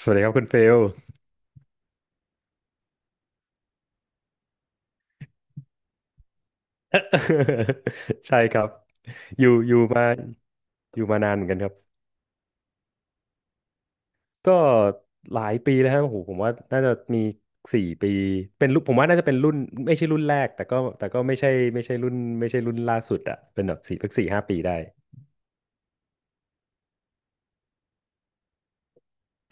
สวัสดีครับคุณเฟล ใช่ครับอยู่อยู่มาอยู่มานานเหมือนกันครับก็หลายปีแล้วฮะโอ้โหผมว่าน่าจะมี4 ปีเป็นรุ่นผมว่าน่าจะเป็นรุ่นไม่ใช่รุ่นแรกแต่ก็ไม่ใช่ไม่ใช่รุ่นล่าสุดอะเป็นแบบ4 สัก 4-5 ปีได้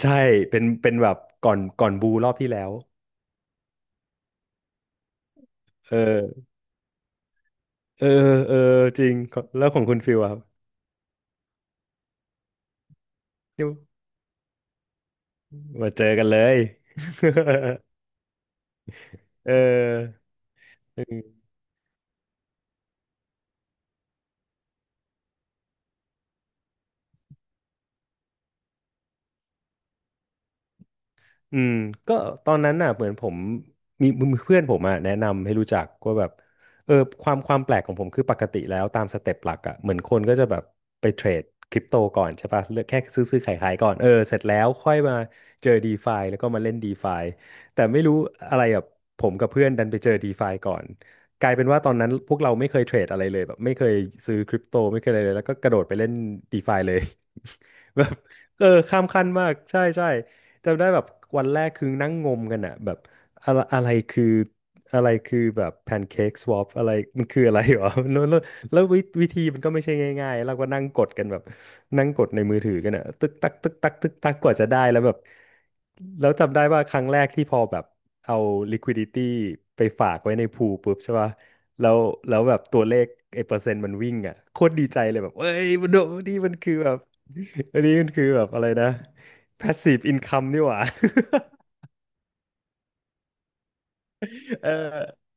ใช่เป็นแบบก่อนบูรอบที่แล้วเออเออเออจริงแล้วของคุณฟิลอะครับเี่ยวมาเจอกันเลย เออ อืมก็ตอนนั้นน่ะเหมือนผมมีมีเพื่อนผมอ่ะแนะนำให้รู้จักว่าแบบเออความความแปลกของผมคือปกติแล้วตามสเต็ปหลักอ่ะเหมือนคนก็จะแบบไปเทรดคริปโตก่อนใช่ป่ะเลือกแค่ซื้อซื้อขายขายก่อนเออเสร็จแล้วค่อยมาเจอ DeFi แล้วก็มาเล่น DeFi แต่ไม่รู้อะไรแบบผมกับเพื่อนดันไปเจอ DeFi ก่อนกลายเป็นว่าตอนนั้นพวกเราไม่เคยเทรดอะไรเลยแบบไม่เคยซื้อคริปโตไม่เคยอะไรเลยแล้วก็กระโดดไปเล่น DeFi เลย แบบเออข้ามขั้นมากใช่ใช่ จำได้แบบวันแรกคือนั่งงมกันอะแบบอะไรอะไรคืออะไรคือแบบแพนเค้กสวอปอะไรมันคืออะไรหรอ แล้ววิธีมันก็ไม่ใช่ง่ายๆเราก็นั่งกดกันแบบนั่งกดในมือถือกันอะตึกตักตึกตักตึกตักกว่าจะได้แล้วแบบแล้วจำได้ว่าครั้งแรกที่พอแบบเอา liquidity ไปฝากไว้ในพูลปุ๊บใช่ป่ะแล้วแล้วแบบตัวเลขไอ้เปอร์เซ็นต์มันวิ่งอะโคตรดีใจเลยแบบเอ้ยมันโดนนี่มันคือแบบ อันนี้มันคือแบบอะไรนะ passive income นี่หว่า เออ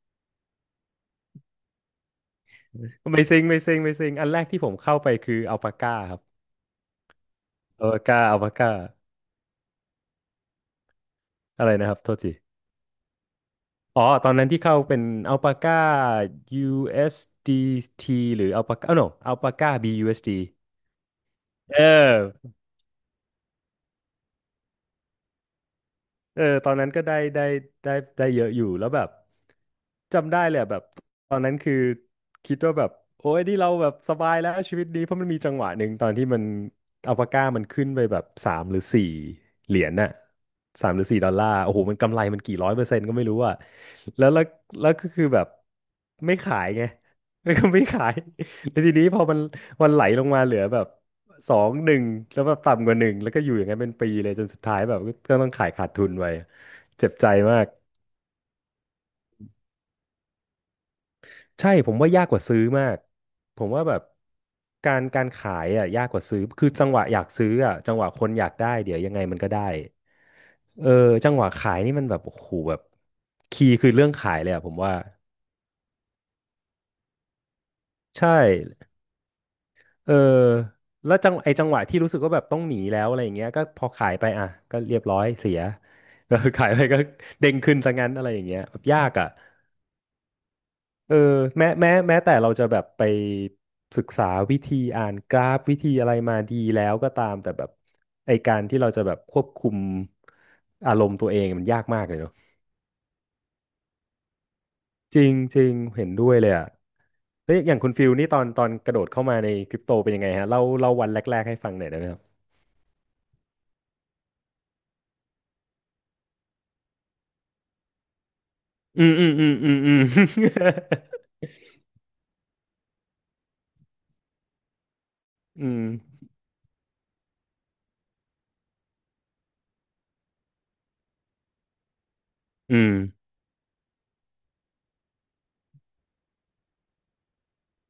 ไม่ซิงไม่ซิงไม่ซิงอันแรกที่ผมเข้าไปคืออัลปาก้าครับอัลปาก้าอัลปาก้าอะไรนะครับโทษทีอ๋อตอนนั้นที่เข้าเป็นอัลปาก้า USDT หรืออัลปาก้า no อัลปาก้า BUSD เอสดีเออ เออตอนนั้นก็ได้ได้เยอะอยู่แล้วแบบจำได้เลยอะแบบตอนนั้นคือคิดว่าแบบโอ้ยนี่เราแบบสบายแล้วชีวิตดีเพราะมันมีจังหวะหนึ่งตอนที่มันอัลปาก้ามันขึ้นไปแบบ3 หรือ 4 เหรียญน่ะ3 หรือ 4 ดอลลาร์โอ้โหมันกำไรมันกี่ร้อยเปอร์เซ็นต์ก็ไม่รู้อะแล้วแล้วก็คือแบบไม่ขายไง แล้วก็ไม่ขายแล้วทีนี้พอมันไหลลงมาเหลือแบบ 2 1แล้วแบบต่ำกว่าหนึ่งแล้วก็อยู่อย่างนั้นเป็นปีเลยจนสุดท้ายแบบก็ต้องขายขาดทุนไปเจ็บใจมากใช่ผมว่ายากกว่าซื้อมากผมว่าแบบการขายอ่ะยากกว่าซื้อคือจังหวะอยากซื้ออ่ะจังหวะคนอยากได้เดี๋ยวยังไงมันก็ได้เออจังหวะขายนี่มันแบบโอ้โหแบบคีย์คือเรื่องขายเลยอ่ะผมว่าใช่ เออแล้วจังไอจังหวะที่รู้สึกว่าแบบต้องหนีแล้วอะไรอย่างเงี้ยก็พอขายไปอ่ะก็เรียบร้อยเสีย เออขายไปก็เด้งขึ้นซะงั้นอะไรอย่างเงี้ยแบบยากอ่ะเออแม้แต่เราจะแบบไปศึกษาวิธีอ่านกราฟวิธีอะไรมาดีแล้วก็ตามแต่แบบไอการที่เราจะแบบควบคุมอารมณ์ตัวเองมันยากมากเลยเนอะจริงจริงเห็นด้วยเลยอ่ะแล้วอย่างคุณฟิลนี่ตอนกระโดดเข้ามาในคริปโตเป็นยังไงฮะเล่าเล่าวันแรกๆให้ฟังหน่อยได้ไหมครับ อืมอืมอืมอืมอืม อืมอืม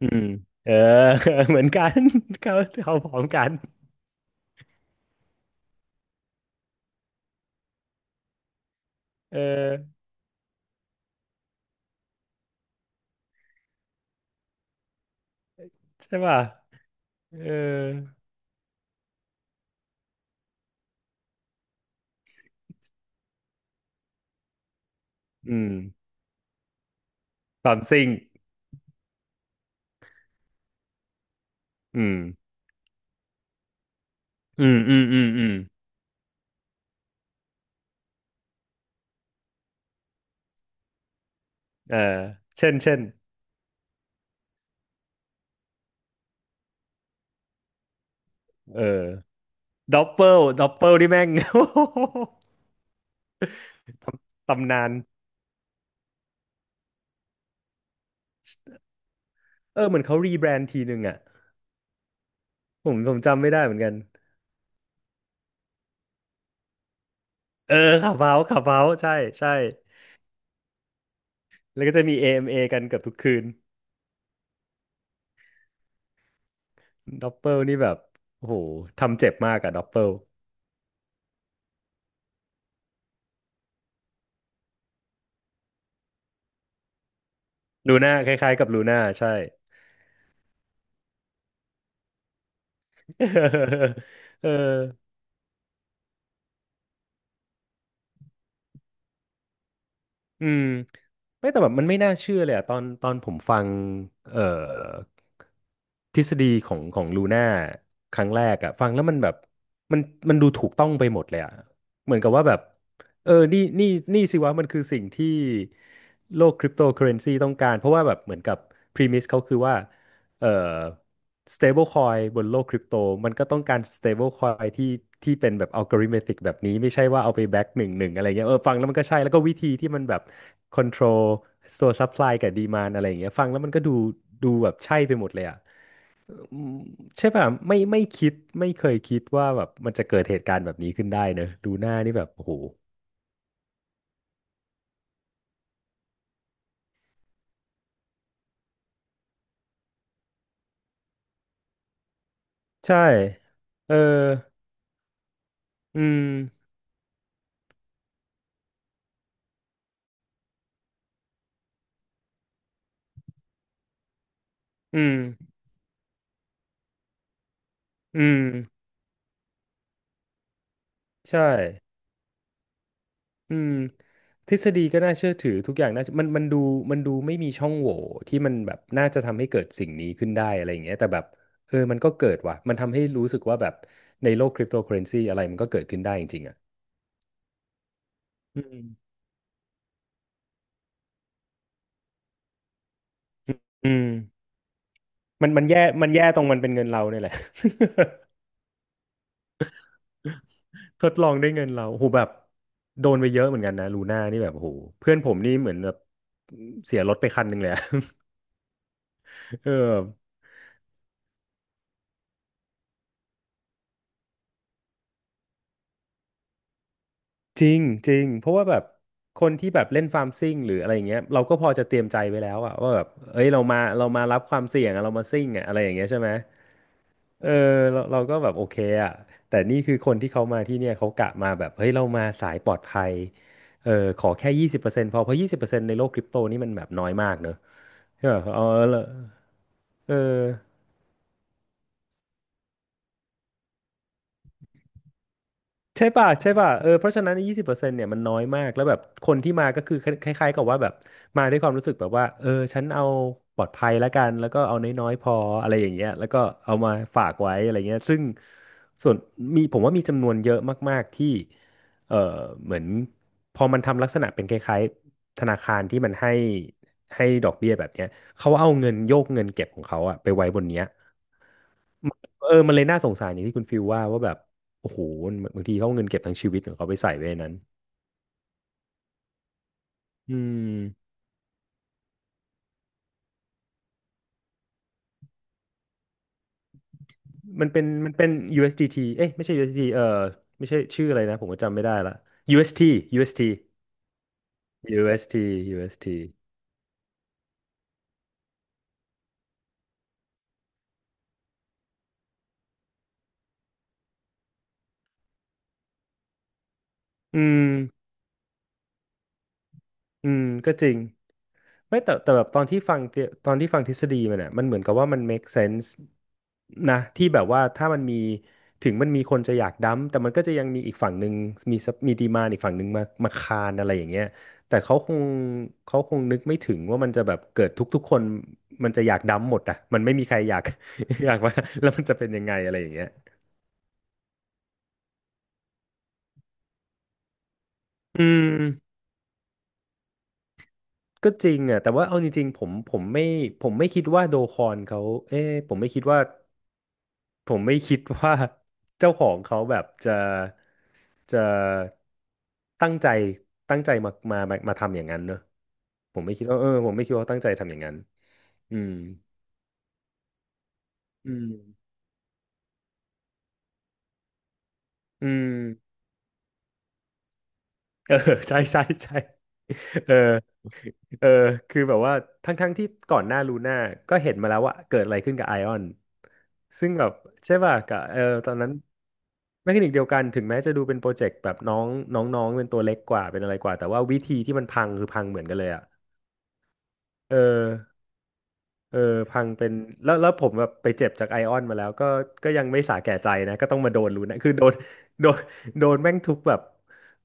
อืมเออ เหมือนกัน เขาเขาพร้อมกันเออใช่ป่ะเอออืมความซิ่งอืมอืมอืมอืมอืมเออเช่นเช่นเออด็อปเปิลด็อปเปิลนี่แม่ง ตำนานเออเหมือนเขารีแบรนด์ทีนึงอ่ะผมจำไม่ได้เหมือนกันเออขับเฮาขับเฮาใช่ใช่แล้วก็จะมี a เอมเอกันเกือบทุกคืน ด็อปเปิลนี่แบบโอ้โหทำเจ็บมากอะด็อปเปิลลูน่าคล้ายๆกับลูน่าใช่ เอออืมไม่แต่แบบมันไม่น่าเชื่อเลยอะตอนผมฟังเอ่อทฤษฎีของลูน่าครั้งแรกอะฟังแล้วมันแบบมันดูถูกต้องไปหมดเลยอะเหมือนกับว่าแบบเออนี่นี่นี่สิวะมันคือสิ่งที่โลกคริปโตเคอเรนซีต้องการเพราะว่าแบบเหมือนกับพรีมิสเขาคือว่า เอ่อ stable coin บนโลกคริปโตมันก็ต้องการ stable coin ที่ที่เป็นแบบ algorithmic แบบนี้ไม่ใช่ว่าเอาไปแบ็กหนึ่งอะไรเงี้ยฟังแล้วมันก็ใช่แล้วก็วิธีที่มันแบบ control ตัว supply กับ demand อะไรอย่างเงี้ยฟังแล้วมันก็ดูแบบใช่ไปหมดเลยอ่ะอืมใช่ป่ะไม่คิดไม่เคยคิดว่าแบบมันจะเกิดเหตุการณ์แบบนี้ขึ้นได้เนอะดูหน้านี่แบบโอ้โหใช่เอออืมอืมอืมใช่ อืมทฤษฎีก็น่าเชื่อถือทุกอย่างน่ามันดูมันดูไม่มีช่องโหว่ที่มันแบบน่าจะทำให้เกิดสิ่งนี้ขึ้นได้อะไรอย่างเงี้ยแต่แบบเออมันก็เกิดว่ะมันทำให้รู้สึกว่าแบบในโลกคริปโตเคอเรนซีอะไรมันก็เกิดขึ้นได้จริงๆอ่ะอืมอืมมันแย่มันแย่ตรงมันเป็นเงินเราเนี่ยแหละ ทดลองด้วยเงินเราโหแบบโดนไปเยอะเหมือนกันนะลูน่านี่แบบโหเพื่อนผมนี่เหมือนแบบเสียรถไปคันหนึ่งเลยอะ เออ จริงจริงเพราะว่าแบบคนที่แบบเล่นฟาร์มซิ่งหรืออะไรอย่างเงี้ยเราก็พอจะเตรียมใจไว้แล้วอะว่าแบบเอ้ยเรามารับความเสี่ยงอะเรามาซิ่งอะอะไรอย่างเงี้ยใช่ไหมเออเราก็แบบโอเคอะแต่นี่คือคนที่เขามาที่เนี่ยเขากะมาแบบเฮ้ยเรามาสายปลอดภัยเออขอแค่ยี่สิบเปอร์เซ็นต์พอเพราะยี่สิบเปอร์เซ็นต์ในโลกคริปโตนี่มันแบบน้อยมากเนอะใช่ป่ะเออเออ ใช่ป่ะเออเพราะฉะนั้นยี่สิบเปอร์เซ็นต์เนี่ยมันน้อยมากแล้วแบบคนที่มาก็คือคล้ายๆกับว่าแบบมาด้วยความรู้สึกแบบว่าเออฉันเอาปลอดภัยแล้วกันแล้วก็เอาน้อยๆพออะไรอย่างเงี้ยแล้วก็เอามาฝากไว้อะไรเงี้ยซึ่งส่วนมีผมว่ามีจำนวนเยอะมากๆที่เออเหมือนพอมันทำลักษณะเป็นคล้ายๆธนาคารที่มันให้ดอกเบี้ยแบบเนี้ยเขาเอาเงินโยกเงินเก็บของเขาอะไปไว้บนเนี้ย เออมันเลยน่าสงสารอย่างที่คุณฟิลว่าแบบ โอ้โห บางทีเขาเอาเงินเก็บทั้งชีวิตของเขาไปใส่ไว้ในนั้นอืมมันเป็น USDT เอสดีทีเอ้ยไม่ใช่ USDT เอสดีเออไม่ใช่ชื่ออะไรนะ ผมก็จำไม่ได้ละ UST UST UST UST อสทียูเอสทีอืม อืมก็จริงไม่แต่แต่แบบตอนที่ฟังทฤษฎีมันเนี่ยมันเหมือนกับว่ามัน make sense นะที่แบบว่าถ้ามันมีถึงมันมีคนจะอยากดั้มแต่มันก็จะยังมีอีกฝั่งหนึ่งมีมีดีมานอีกฝั่งหนึ่งมาคานอะไรอย่างเงี้ยแต่เขาคงนึกไม่ถึงว่ามันจะแบบเกิดทุกๆคนมันจะอยากดั้มหมดอ่ะมันไม่มีใครอยาก อยากว่าแล้วมันจะเป็นยังไงอะไรอย่างเงี้ยอืมก็จริงอ่ะแต่ว่าเอาจริงๆผมไม่ผมไม่คิดว่าโดคอนเขาเอ๊ะผมไม่คิดว่า ผมไม่คิดว่าเจ้าของเขาแบบจะตั้งใจตั้งใจมาทำอย่างนั้นเนอะผมไม่คิดว่าเออผมไม่คิดว่าเขาตั้งใจทำอย่างนั้นอืมอืมอืม เออ ใช่เออเออคือแบบว่าทั้งที่ก่อนหน้าลูน่าก็เห็นมาแล้วว่าเกิดอะไรขึ้นกับไอออนซึ่งแบบใช่ป่ะกับเออตอนนั้นแมคานิกเดียวกันถึงแม้จะดูเป็นโปรเจกต์แบบน้องน้องน้องเป็นตัวเล็กกว่าเป็นอะไรกว่าแต่ว่าวิธีที่มันพังคือพังเหมือนกันเลยอ่ะเออเออพังเป็นแล้วผมแบบไปเจ็บจากไอออนมาแล้วก็ยังไม่สาแก่ใจนะก็ต้องมาโดนลูน่คือโดนโดนแม่งทุกแบบ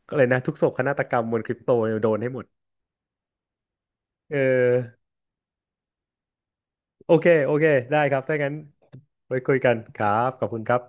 ก็เลยนะทุกโศกนาฏกรรมบนคริปโตโดนให้หมด เออโอเคได้ครับถ้างั้นไว้คุยกันครับขอบคุณครับ